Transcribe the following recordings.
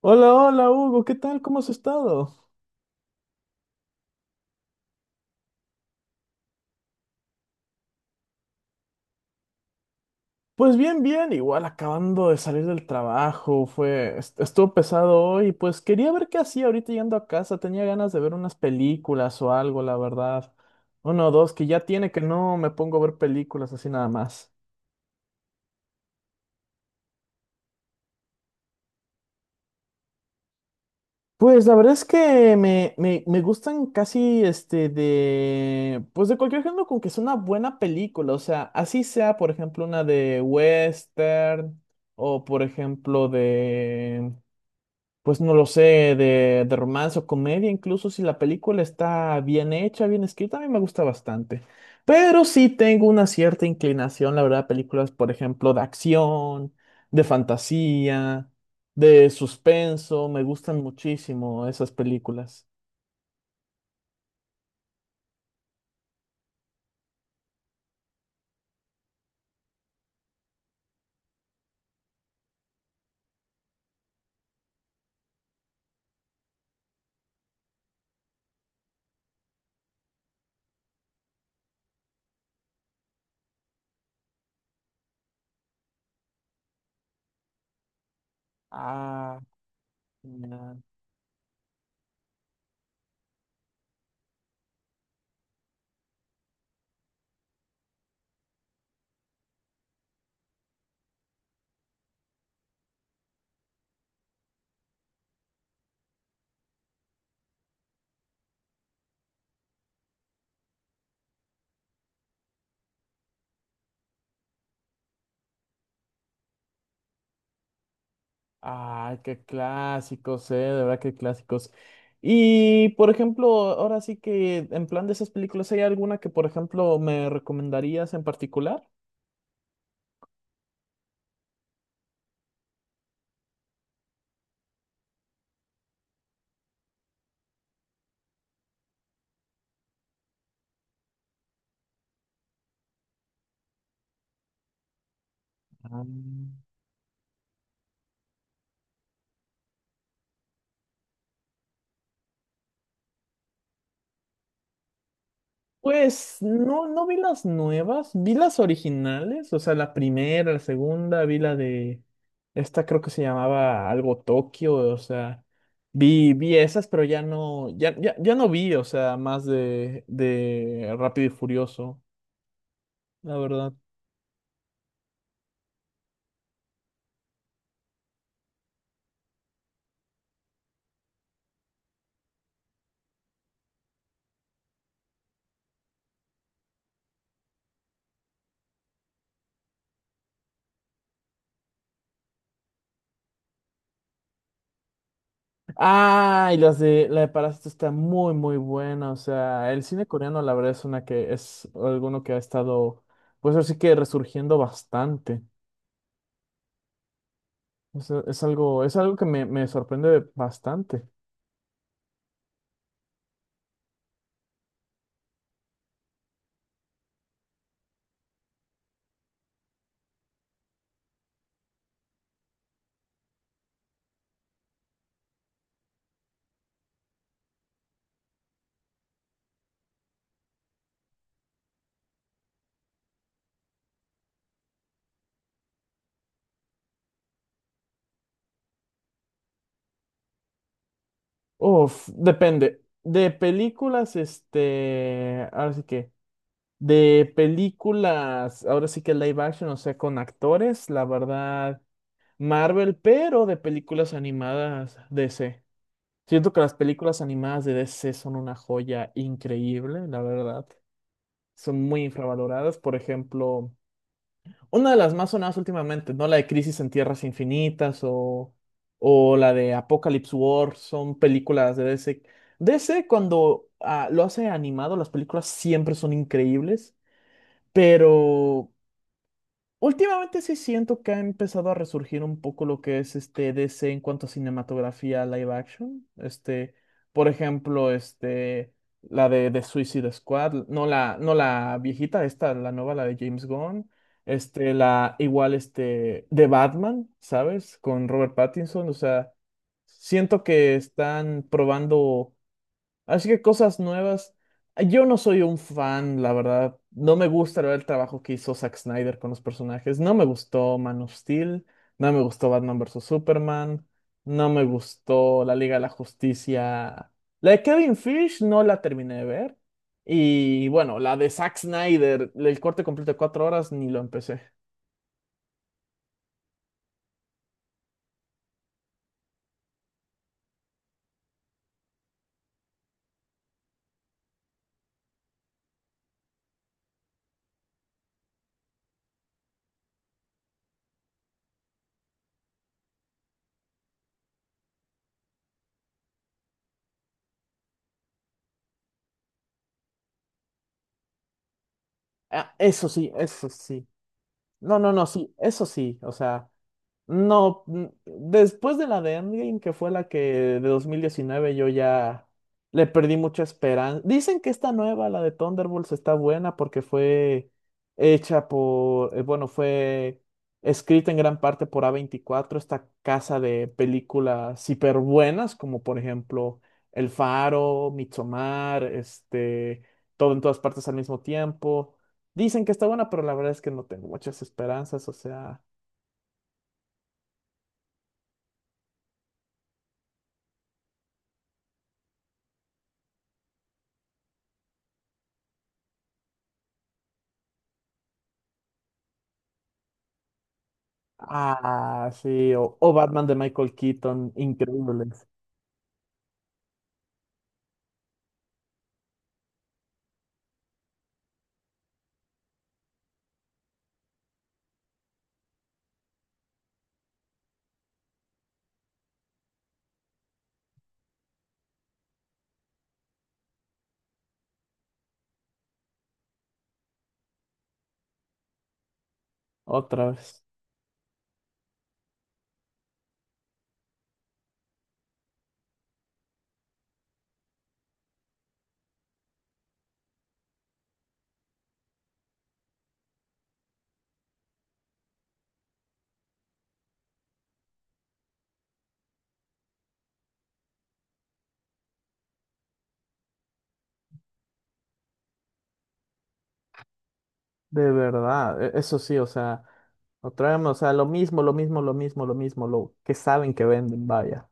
Hola, hola Hugo, ¿qué tal? ¿Cómo has estado? Pues bien, bien, igual acabando de salir del trabajo, estuvo pesado hoy, pues quería ver qué hacía ahorita llegando a casa, tenía ganas de ver unas películas o algo, la verdad. Uno o dos, que ya tiene que no me pongo a ver películas así nada más. Pues la verdad es que me gustan casi este de, pues de cualquier género con que sea una buena película, o sea, así sea, por ejemplo, una de western o por ejemplo de, pues no lo sé, de romance o comedia, incluso si la película está bien hecha, bien escrita, a mí me gusta bastante. Pero sí tengo una cierta inclinación, la verdad, a películas, por ejemplo, de acción, de fantasía, de suspenso, me gustan muchísimo esas películas. Ah, genial. Ay, qué clásicos, de verdad, qué clásicos. Y, por ejemplo, ahora sí que en plan de esas películas, ¿hay alguna que, por ejemplo, me recomendarías en particular? Ah, pues no, no vi las nuevas, vi las originales, o sea, la primera, la segunda, vi la de, esta creo que se llamaba algo Tokio, o sea, vi esas, pero ya no, ya, ya, ya no vi, o sea, más de Rápido y Furioso, la verdad. Ah, y las de la de Parásito está muy, muy buena, o sea, el cine coreano la verdad es una que es alguno que ha estado, pues así que resurgiendo bastante. Es algo que me sorprende bastante. Uf, depende. De películas, este, ahora sí que, de películas, ahora sí que live action, o sea, con actores, la verdad, Marvel, pero de películas animadas DC. Siento que las películas animadas de DC son una joya increíble, la verdad. Son muy infravaloradas. Por ejemplo, una de las más sonadas últimamente, ¿no? La de Crisis en Tierras Infinitas o la de Apocalypse War, son películas de DC. DC cuando lo hace animado, las películas siempre son increíbles, pero últimamente sí siento que ha empezado a resurgir un poco lo que es este DC en cuanto a cinematografía live action. Este, por ejemplo, este, la de Suicide Squad, no la viejita, esta, la nueva, la de James Gunn. Este, la igual este de Batman, ¿sabes? Con Robert Pattinson. O sea, siento que están probando. Así que cosas nuevas. Yo no soy un fan, la verdad. No me gusta el trabajo que hizo Zack Snyder con los personajes. No me gustó Man of Steel. No me gustó Batman vs. Superman. No me gustó La Liga de la Justicia. La de Kevin Fish no la terminé de ver. Y bueno, la de Zack Snyder, el corte completo de 4 horas, ni lo empecé. Ah, eso sí, eso sí. No, no, no, sí, eso sí. O sea. No, después de la de Endgame, que fue la que de 2019 yo ya le perdí mucha esperanza. Dicen que esta nueva, la de Thunderbolts, está buena porque fue hecha por, bueno, fue escrita en gran parte por A24, esta casa de películas hiper buenas, como por ejemplo El Faro, Midsommar, este, todo en todas partes al mismo tiempo. Dicen que está buena, pero la verdad es que no tengo muchas esperanzas, o sea... Ah, sí, o Batman de Michael Keaton, increíbles. Otra vez. De verdad, e- eso sí, o sea, otra vez, o sea, lo mismo, lo mismo, lo mismo, lo mismo, lo que saben que venden, vaya.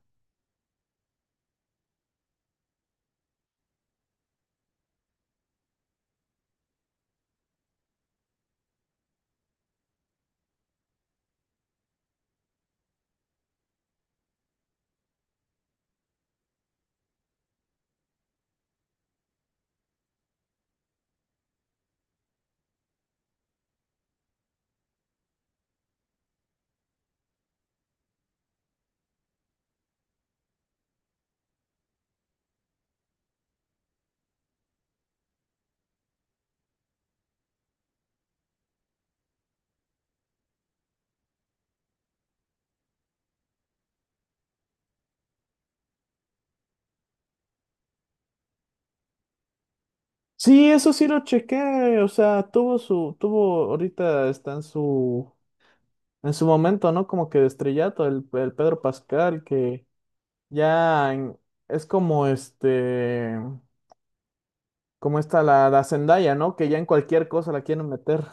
Sí, eso sí lo chequé, o sea, ahorita está en su momento, ¿no? Como que de estrellato, el Pedro Pascal, que ya en-, es como este, como está la, la Zendaya, ¿no? Que ya en cualquier cosa la quieren meter.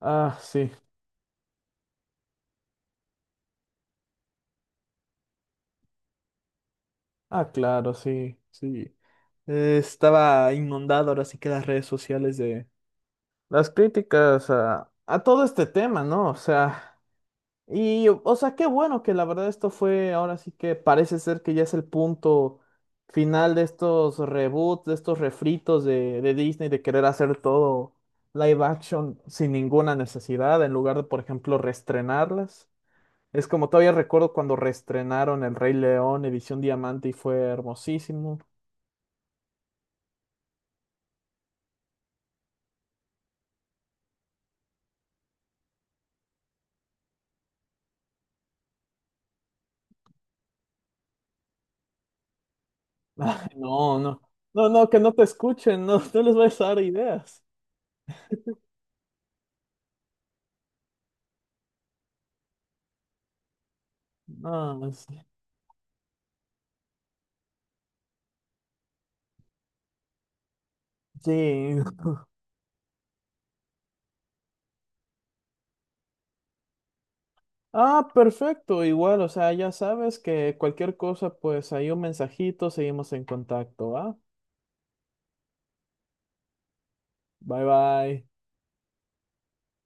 Ah, sí. Ah, claro, sí, sí. Estaba inundado ahora sí que las redes sociales de las críticas a todo este tema, ¿no? O sea, y, o sea, qué bueno que la verdad esto fue, ahora sí que parece ser que ya es el punto final de estos reboots, de estos refritos de, Disney, de querer hacer todo live action sin ninguna necesidad, en lugar de, por ejemplo, reestrenarlas. Es como todavía recuerdo cuando reestrenaron El Rey León, edición diamante, y fue hermosísimo. No, no, no, no, que no te escuchen, no, no les vayas a dar ideas. No, es- sí. Ah, perfecto, igual, o sea, ya sabes que cualquier cosa, pues ahí un mensajito, seguimos en contacto, ¿va? Bye bye.